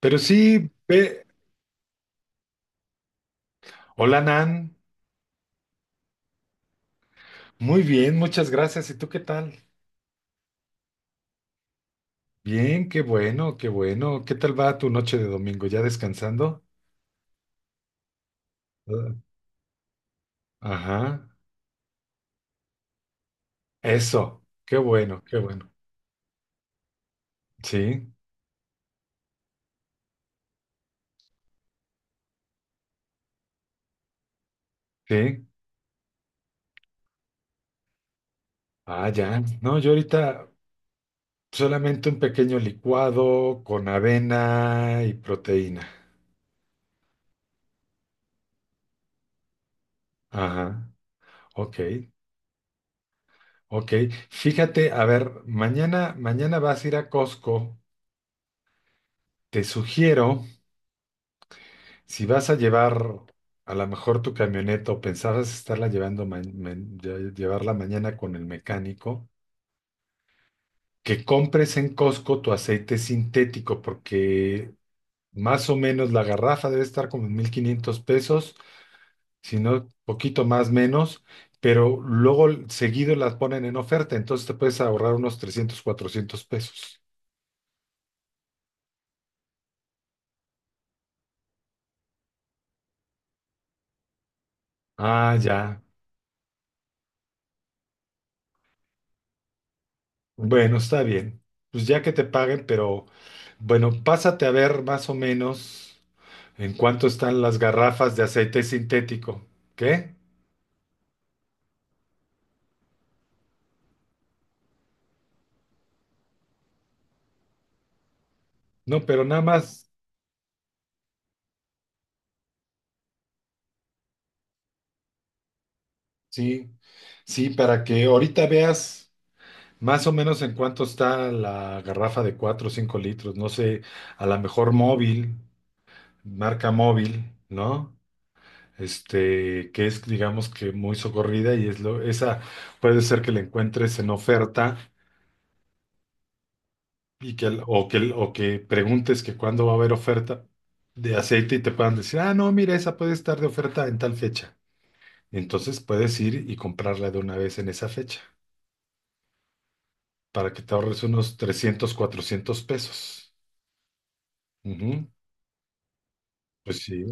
Pero sí, ve. Hola, Nan. Muy bien, muchas gracias. ¿Y tú qué tal? Bien, qué bueno, qué bueno. ¿Qué tal va tu noche de domingo? ¿Ya descansando? Ah, ajá. Eso. Qué bueno, qué bueno. Sí, sí. Ah, ya. No, yo ahorita solamente un pequeño licuado con avena y proteína. Ajá. Ok, ok. Fíjate, a ver, mañana vas a ir a Costco. Te sugiero. Si vas a llevar a lo mejor tu camioneta o pensabas estarla llevando llevarla mañana con el mecánico, que compres en Costco tu aceite sintético, porque más o menos la garrafa debe estar como en 1,500 pesos, si no, poquito más menos, pero luego seguido las ponen en oferta, entonces te puedes ahorrar unos 300 400 pesos. Ah, ya. Bueno, está bien. Pues ya que te paguen, pero bueno, pásate a ver más o menos. ¿En cuánto están las garrafas de aceite sintético? ¿Qué? No, pero nada más, sí, sí, para que ahorita veas más o menos en cuánto está la garrafa de 4 o 5 litros, no sé, a lo mejor móvil, marca móvil, ¿no? Este, que es, digamos que muy socorrida y es lo, esa puede ser que la encuentres en oferta. Y que, o que, o que preguntes que cuándo va a haber oferta de aceite y te puedan decir, ah, no, mira, esa puede estar de oferta en tal fecha. Entonces puedes ir y comprarla de una vez en esa fecha para que te ahorres unos 300 cuatrocientos pesos. Ujú. Pues sí,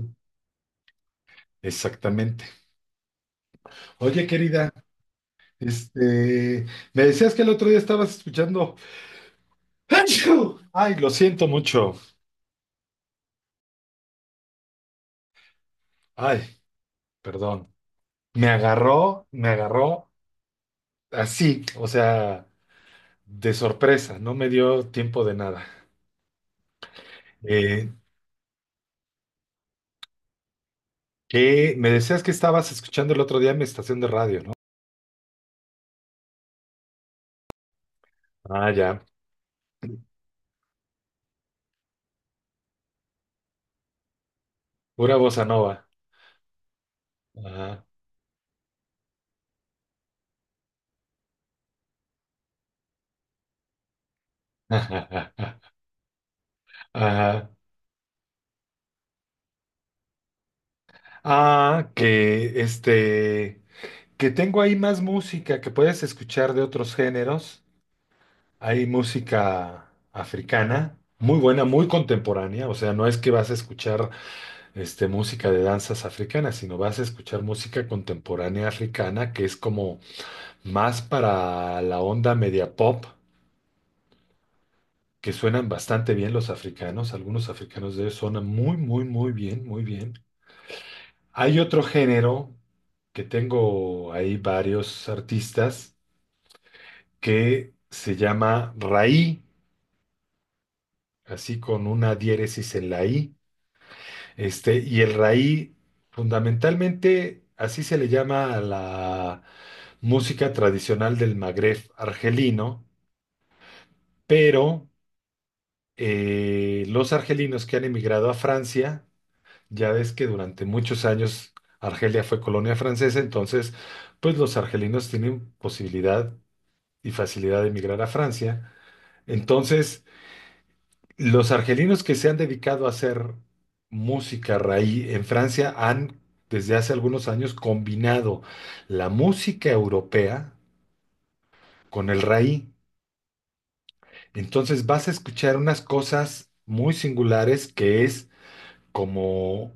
exactamente. Oye, querida, este, me decías que el otro día estabas escuchando. ¡Achú! Ay, lo siento mucho. Ay, perdón. Me agarró así, o sea. De sorpresa, no me dio tiempo de nada. Eh, ¿Qué? Me decías que estabas escuchando el otro día en mi estación de radio, ¿no? Ah, ya. Pura bossa nova. Ajá. Ajá. Ah, que este, que tengo ahí más música que puedes escuchar de otros géneros. Hay música africana, muy buena, muy contemporánea. O sea, no es que vas a escuchar este, música de danzas africanas, sino vas a escuchar música contemporánea africana, que es como más para la onda media pop, que suenan bastante bien los africanos, algunos africanos de ellos suenan muy, muy, muy bien, muy bien. Hay otro género que tengo ahí varios artistas que se llama raí, así con una diéresis en la i. Este, y el raí, fundamentalmente, así se le llama a la música tradicional del Magreb argelino, pero los argelinos que han emigrado a Francia, ya ves que durante muchos años Argelia fue colonia francesa, entonces pues los argelinos tienen posibilidad y facilidad de emigrar a Francia. Entonces, los argelinos que se han dedicado a hacer música raíz en Francia han desde hace algunos años combinado la música europea con el raí. Entonces vas a escuchar unas cosas muy singulares que es como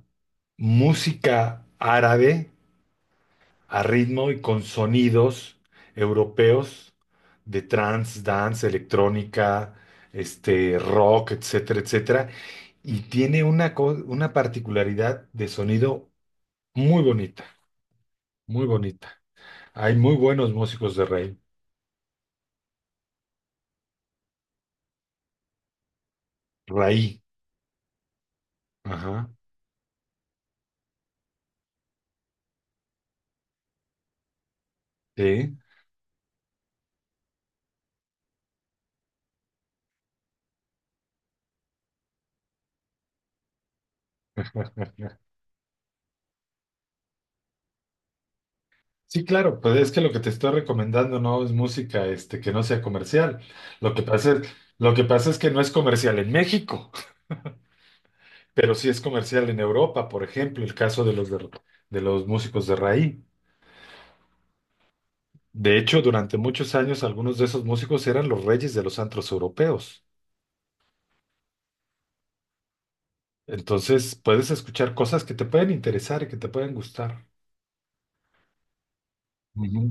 música árabe a ritmo y con sonidos europeos de trance, dance, electrónica, este rock, etcétera, etcétera, y tiene una particularidad de sonido muy bonita, muy bonita. Hay muy buenos músicos de rey, raí, ajá, sí. Sí, claro, pues es que lo que te estoy recomendando no es música, este, que no sea comercial. Lo que pasa es, lo que pasa es que no es comercial en México, pero sí es comercial en Europa, por ejemplo, el caso de los músicos de raíz. De hecho, durante muchos años algunos de esos músicos eran los reyes de los antros europeos. Entonces, puedes escuchar cosas que te pueden interesar y que te pueden gustar. Ujú.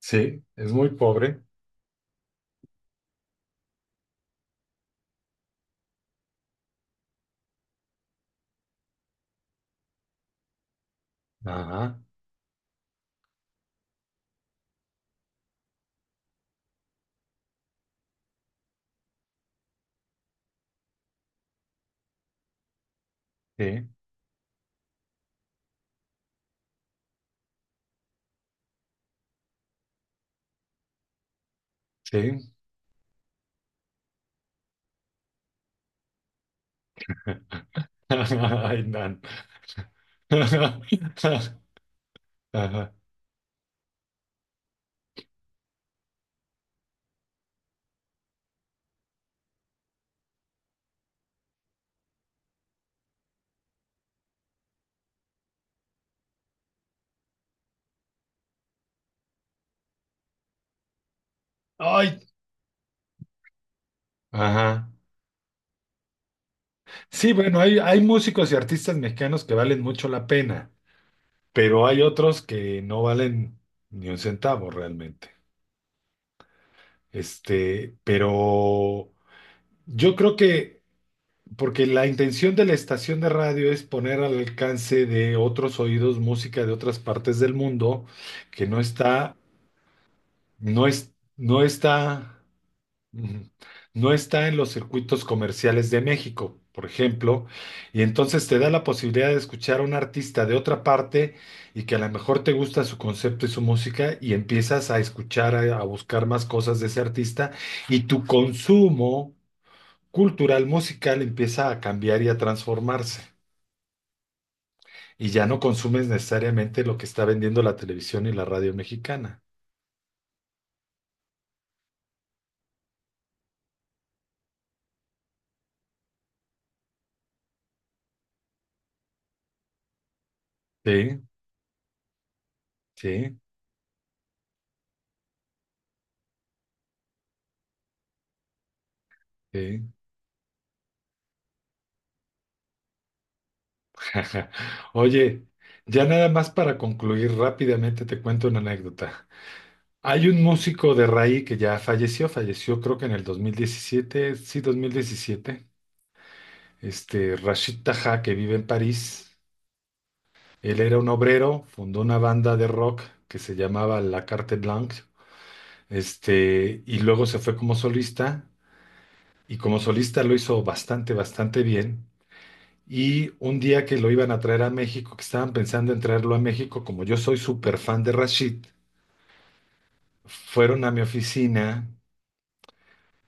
Sí, es muy pobre. Ajá, sí, sí. Ay, Nan. Ajá. Ay, ajá. Sí, bueno, hay músicos y artistas mexicanos que valen mucho la pena, pero hay otros que no valen ni un centavo realmente. Este, pero yo creo que, porque la intención de la estación de radio es poner al alcance de otros oídos música de otras partes del mundo que no está, no es, no está. Ujú. No está en los circuitos comerciales de México, por ejemplo, y entonces te da la posibilidad de escuchar a un artista de otra parte y que a lo mejor te gusta su concepto y su música y empiezas a escuchar, a buscar más cosas de ese artista y tu consumo cultural musical empieza a cambiar y a transformarse. Y ya no consumes necesariamente lo que está vendiendo la televisión y la radio mexicana. Sí, sí, sí. Oye, ya nada más para concluir rápidamente te cuento una anécdota. Hay un músico de raíz que ya falleció, falleció creo que en el 2017, sí, 2017. Este Rashid Taha, que vive en París. Él era un obrero, fundó una banda de rock que se llamaba La Carte Blanche, este, y luego se fue como solista, y como solista lo hizo bastante, bastante bien. Y un día que lo iban a traer a México, que estaban pensando en traerlo a México, como yo soy súper fan de Rashid, fueron a mi oficina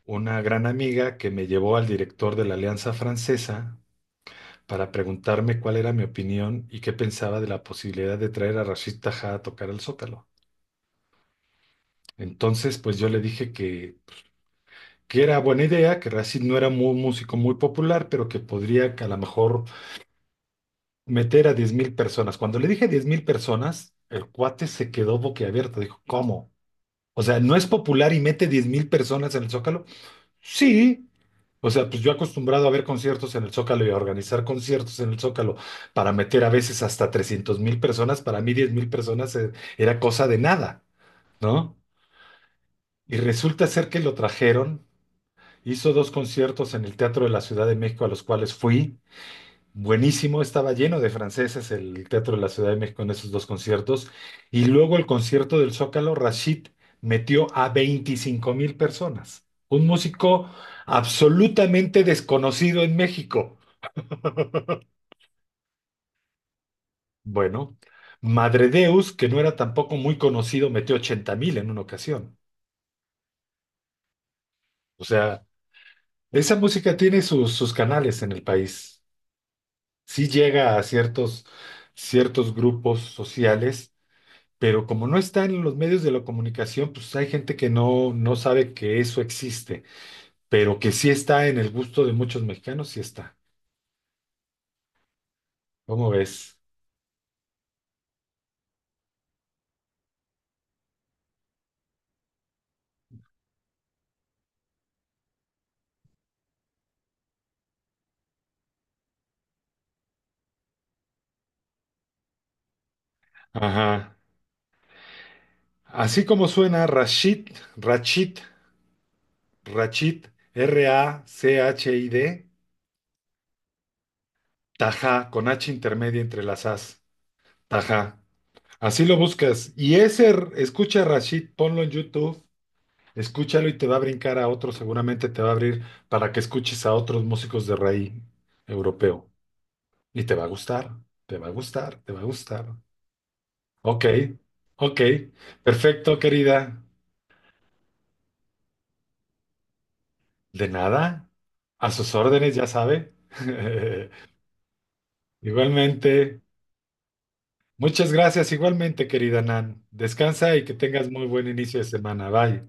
una gran amiga que me llevó al director de la Alianza Francesa para preguntarme cuál era mi opinión y qué pensaba de la posibilidad de traer a Rashid Tajá a tocar el Zócalo. Entonces, pues yo le dije que era buena idea, que Rashid no era un músico muy popular, pero que podría que a lo mejor meter a 10,000 personas. Cuando le dije 10,000 personas, el cuate se quedó boquiabierto. Dijo, ¿cómo? O sea, ¿no es popular y mete 10,000 personas en el Zócalo? Sí. O sea, pues yo acostumbrado a ver conciertos en el Zócalo y a organizar conciertos en el Zócalo para meter a veces hasta 300,000 personas, para mí 10,000 personas era cosa de nada, ¿no? Y resulta ser que lo trajeron, hizo dos conciertos en el Teatro de la Ciudad de México a los cuales fui. Buenísimo, estaba lleno de franceses el Teatro de la Ciudad de México en esos dos conciertos. Y luego el concierto del Zócalo, Rashid metió a 25,000 personas. Un músico absolutamente desconocido en México. Bueno, Madredeus, que no era tampoco muy conocido, metió 80,000 en una ocasión. O sea, esa música tiene sus, sus canales en el país. Sí llega a ciertos, ciertos grupos sociales pero como no está en los medios de la comunicación, pues hay gente que no, no sabe que eso existe, pero que sí está en el gusto de muchos mexicanos, sí está. ¿Cómo ves? Ajá. Así como suena Rashid, Rachid, Rachid, Rachid, Tajá, con H intermedia entre las As, Tajá. Así lo buscas. Y ese, escucha Rashid, ponlo en YouTube. Escúchalo y te va a brincar a otro, seguramente te va a abrir para que escuches a otros músicos de raíz europeo. Y te va a gustar, te va a gustar, te va a gustar. Ok, ok, perfecto, querida. De nada, a sus órdenes, ya sabe. Igualmente, muchas gracias, igualmente, querida Nan. Descansa y que tengas muy buen inicio de semana. Bye.